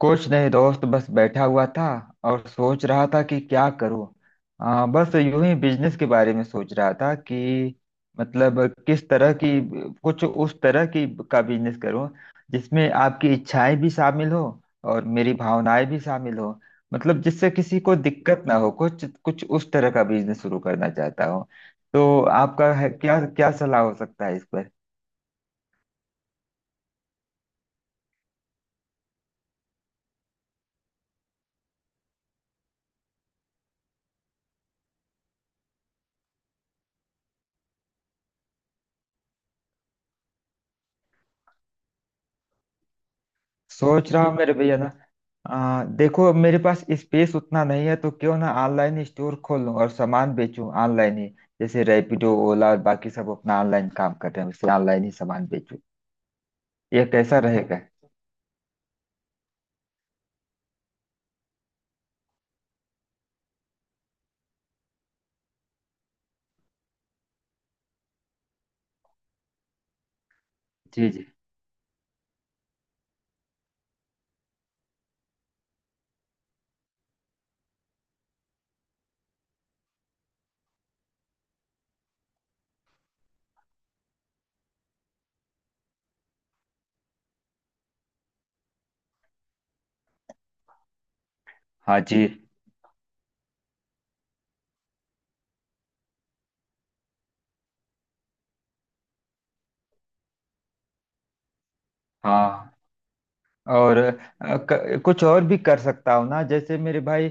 कुछ नहीं दोस्त, बस बैठा हुआ था और सोच रहा था कि क्या करूं। बस यूं ही बिजनेस के बारे में सोच रहा था कि मतलब किस तरह की कुछ उस तरह की का बिजनेस करूं जिसमें आपकी इच्छाएं भी शामिल हो और मेरी भावनाएं भी शामिल हो। मतलब जिससे किसी को दिक्कत ना हो, कुछ कुछ उस तरह का बिजनेस शुरू करना चाहता हूं। तो आपका है, क्या क्या सलाह हो सकता है इस पर? सोच रहा हूँ मेरे भैया ना, देखो अब मेरे पास स्पेस उतना नहीं है, तो क्यों ना ऑनलाइन स्टोर खोल लूँ और सामान बेचूं ऑनलाइन ही। जैसे रैपिडो, ओला और बाकी सब अपना ऑनलाइन काम कर रहे हैं, उससे ऑनलाइन ही सामान बेचूं। ये कैसा रहेगा? जी जी। हाँ जी हाँ। और कुछ और भी कर सकता हूँ ना जैसे मेरे भाई।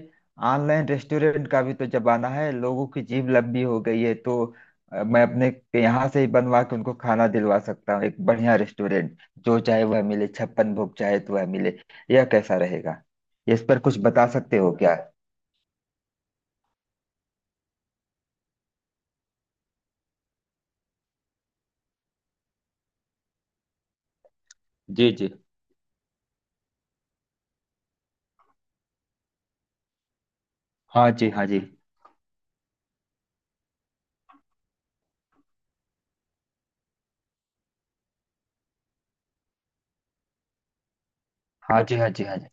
ऑनलाइन रेस्टोरेंट का भी तो जमाना है, लोगों की जीभ लंबी हो गई है। तो मैं अपने यहाँ से ही बनवा के उनको खाना दिलवा सकता हूँ, एक बढ़िया रेस्टोरेंट। जो चाहे वह मिले, छप्पन भोग चाहे तो वह मिले। यह कैसा रहेगा? इस पर कुछ बता सकते हो क्या? जी जी। हाँ जी हाँ जी। हाँ जी हाँ जी हाँ जी।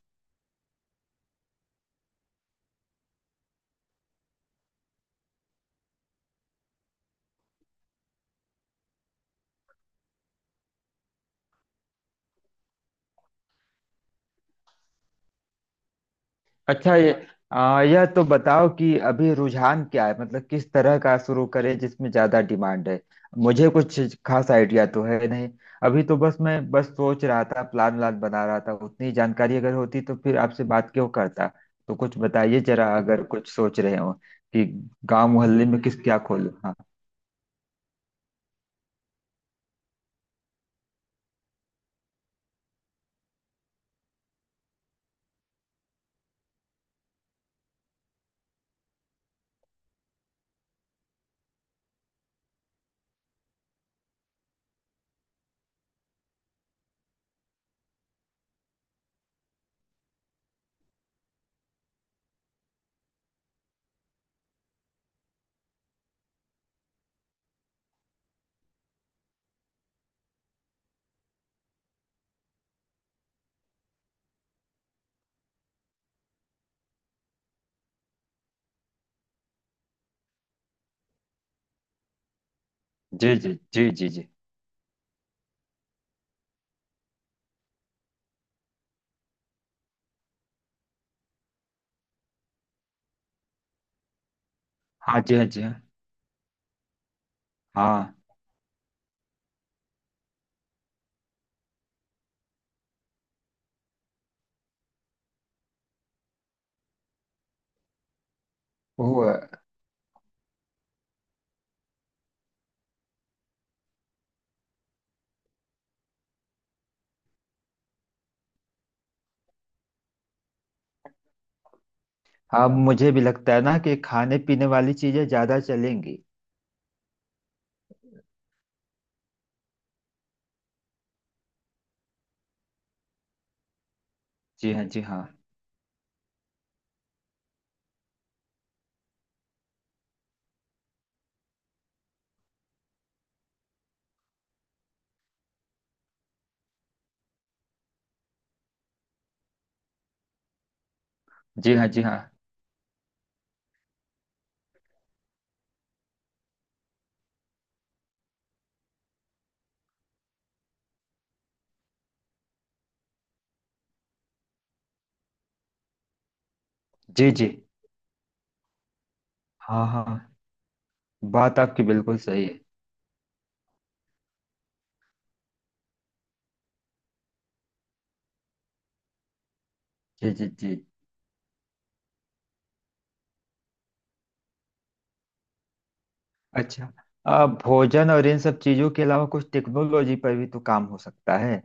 अच्छा, यह तो बताओ कि अभी रुझान क्या है, मतलब किस तरह का शुरू करें जिसमें ज्यादा डिमांड है। मुझे कुछ खास आइडिया तो है नहीं। अभी तो बस मैं बस सोच रहा था, प्लान व्लान बना रहा था। उतनी जानकारी अगर होती तो फिर आपसे बात क्यों करता? तो कुछ बताइए जरा, अगर कुछ सोच रहे हो कि गांव मोहल्ले में किस क्या खोलूं। हाँ। जी जी जी जी जी। हाँ जी हाँ जी हाँ हाँ, वो, हाँ मुझे भी लगता है ना कि खाने पीने वाली चीजें ज्यादा चलेंगी। जी हाँ जी हाँ। जी हाँ जी हाँ। जी जी। हाँ हाँ, बात आपकी बिल्कुल सही है। जी जी जी। अच्छा, भोजन और इन सब चीजों के अलावा कुछ टेक्नोलॉजी पर भी तो काम हो सकता है।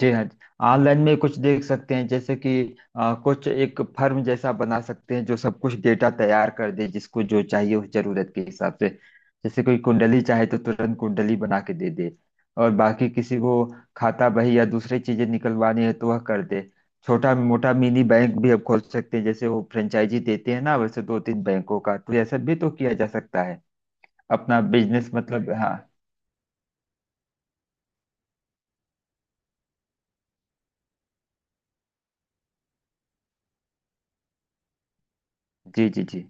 जी हाँ। ऑनलाइन में कुछ देख सकते हैं। जैसे कि कुछ एक फर्म जैसा बना सकते हैं जो सब कुछ डेटा तैयार कर दे, जिसको जो चाहिए उस जरूरत के हिसाब से। जैसे कोई कुंडली चाहे तो तुरंत कुंडली बना के दे दे, और बाकी किसी को खाता बही या दूसरी चीजें निकलवानी है तो वह कर दे। छोटा मोटा मिनी बैंक भी अब खोल सकते हैं, जैसे वो फ्रेंचाइजी देते हैं ना वैसे, दो तीन बैंकों का तो ऐसा भी तो किया जा सकता है। अपना बिजनेस, मतलब, हाँ। जी जी जी।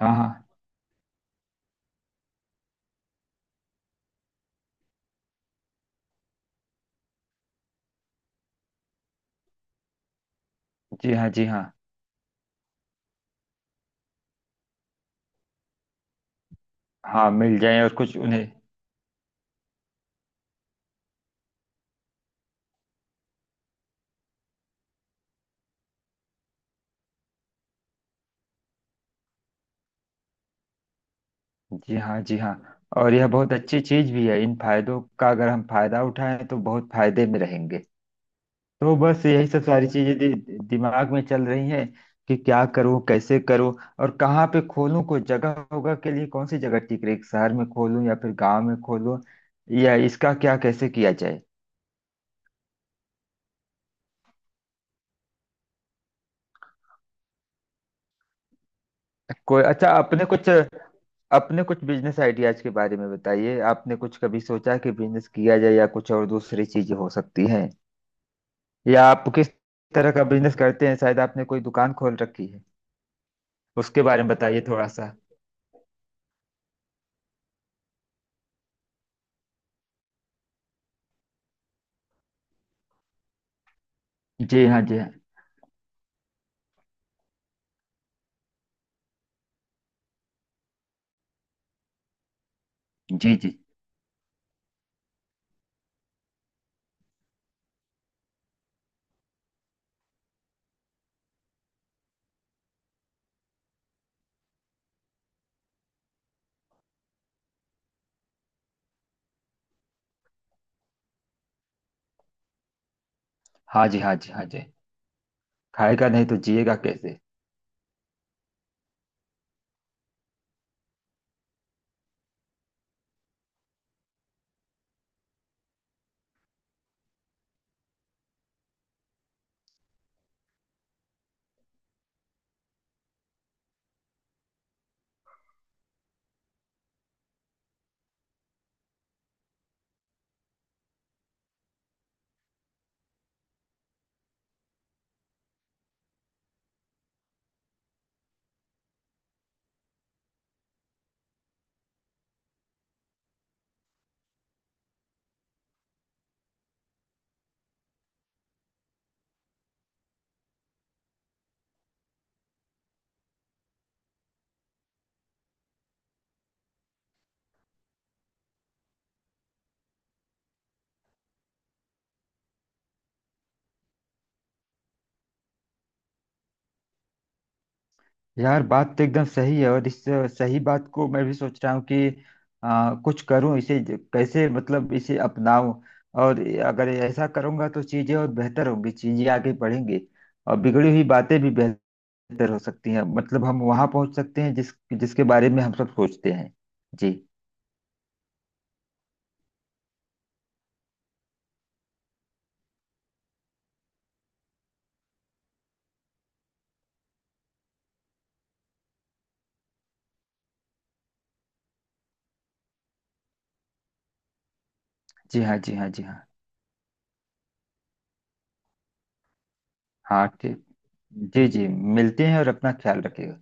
हाँ हाँ। जी हाँ जी हाँ। हाँ मिल जाए और कुछ उन्हें। जी हाँ जी हाँ। और यह बहुत अच्छी चीज भी है, इन फायदों का अगर हम फायदा उठाएं तो बहुत फायदे में रहेंगे। तो बस यही सब सारी चीजें दिमाग में चल रही हैं कि क्या करूं, कैसे करूं, और कहाँ पे खोलूं। कोई जगह होगा के लिए, कौन सी जगह ठीक रहेगी, शहर में खोलूं या फिर गांव में खोलूं, या इसका क्या कैसे किया जाए? कोई अच्छा अपने कुछ बिजनेस आइडियाज के बारे में बताइए। आपने कुछ कभी सोचा कि बिजनेस किया जाए या कुछ और दूसरी चीजें हो सकती हैं? या आप किस तरह का बिजनेस करते हैं, शायद आपने कोई दुकान खोल रखी है, उसके बारे में बताइए थोड़ा सा। जी हाँ जी हाँ। जी जी। हाँ जी हाँ जी हाँ जी। खाएगा नहीं तो जिएगा कैसे? यार बात तो एकदम सही है, और इस सही बात को मैं भी सोच रहा हूँ कि कुछ करूँ इसे कैसे मतलब इसे अपनाऊं। और अगर ऐसा करूँगा तो चीज़ें और बेहतर होंगी, चीज़ें आगे बढ़ेंगी, और बिगड़ी हुई बातें भी बेहतर हो सकती हैं। मतलब हम वहाँ पहुँच सकते हैं जिसके बारे में हम सब सोचते हैं। जी। जी हाँ जी हाँ जी हाँ। हाँ ठीक। जी जी, मिलते हैं और अपना ख्याल रखिएगा।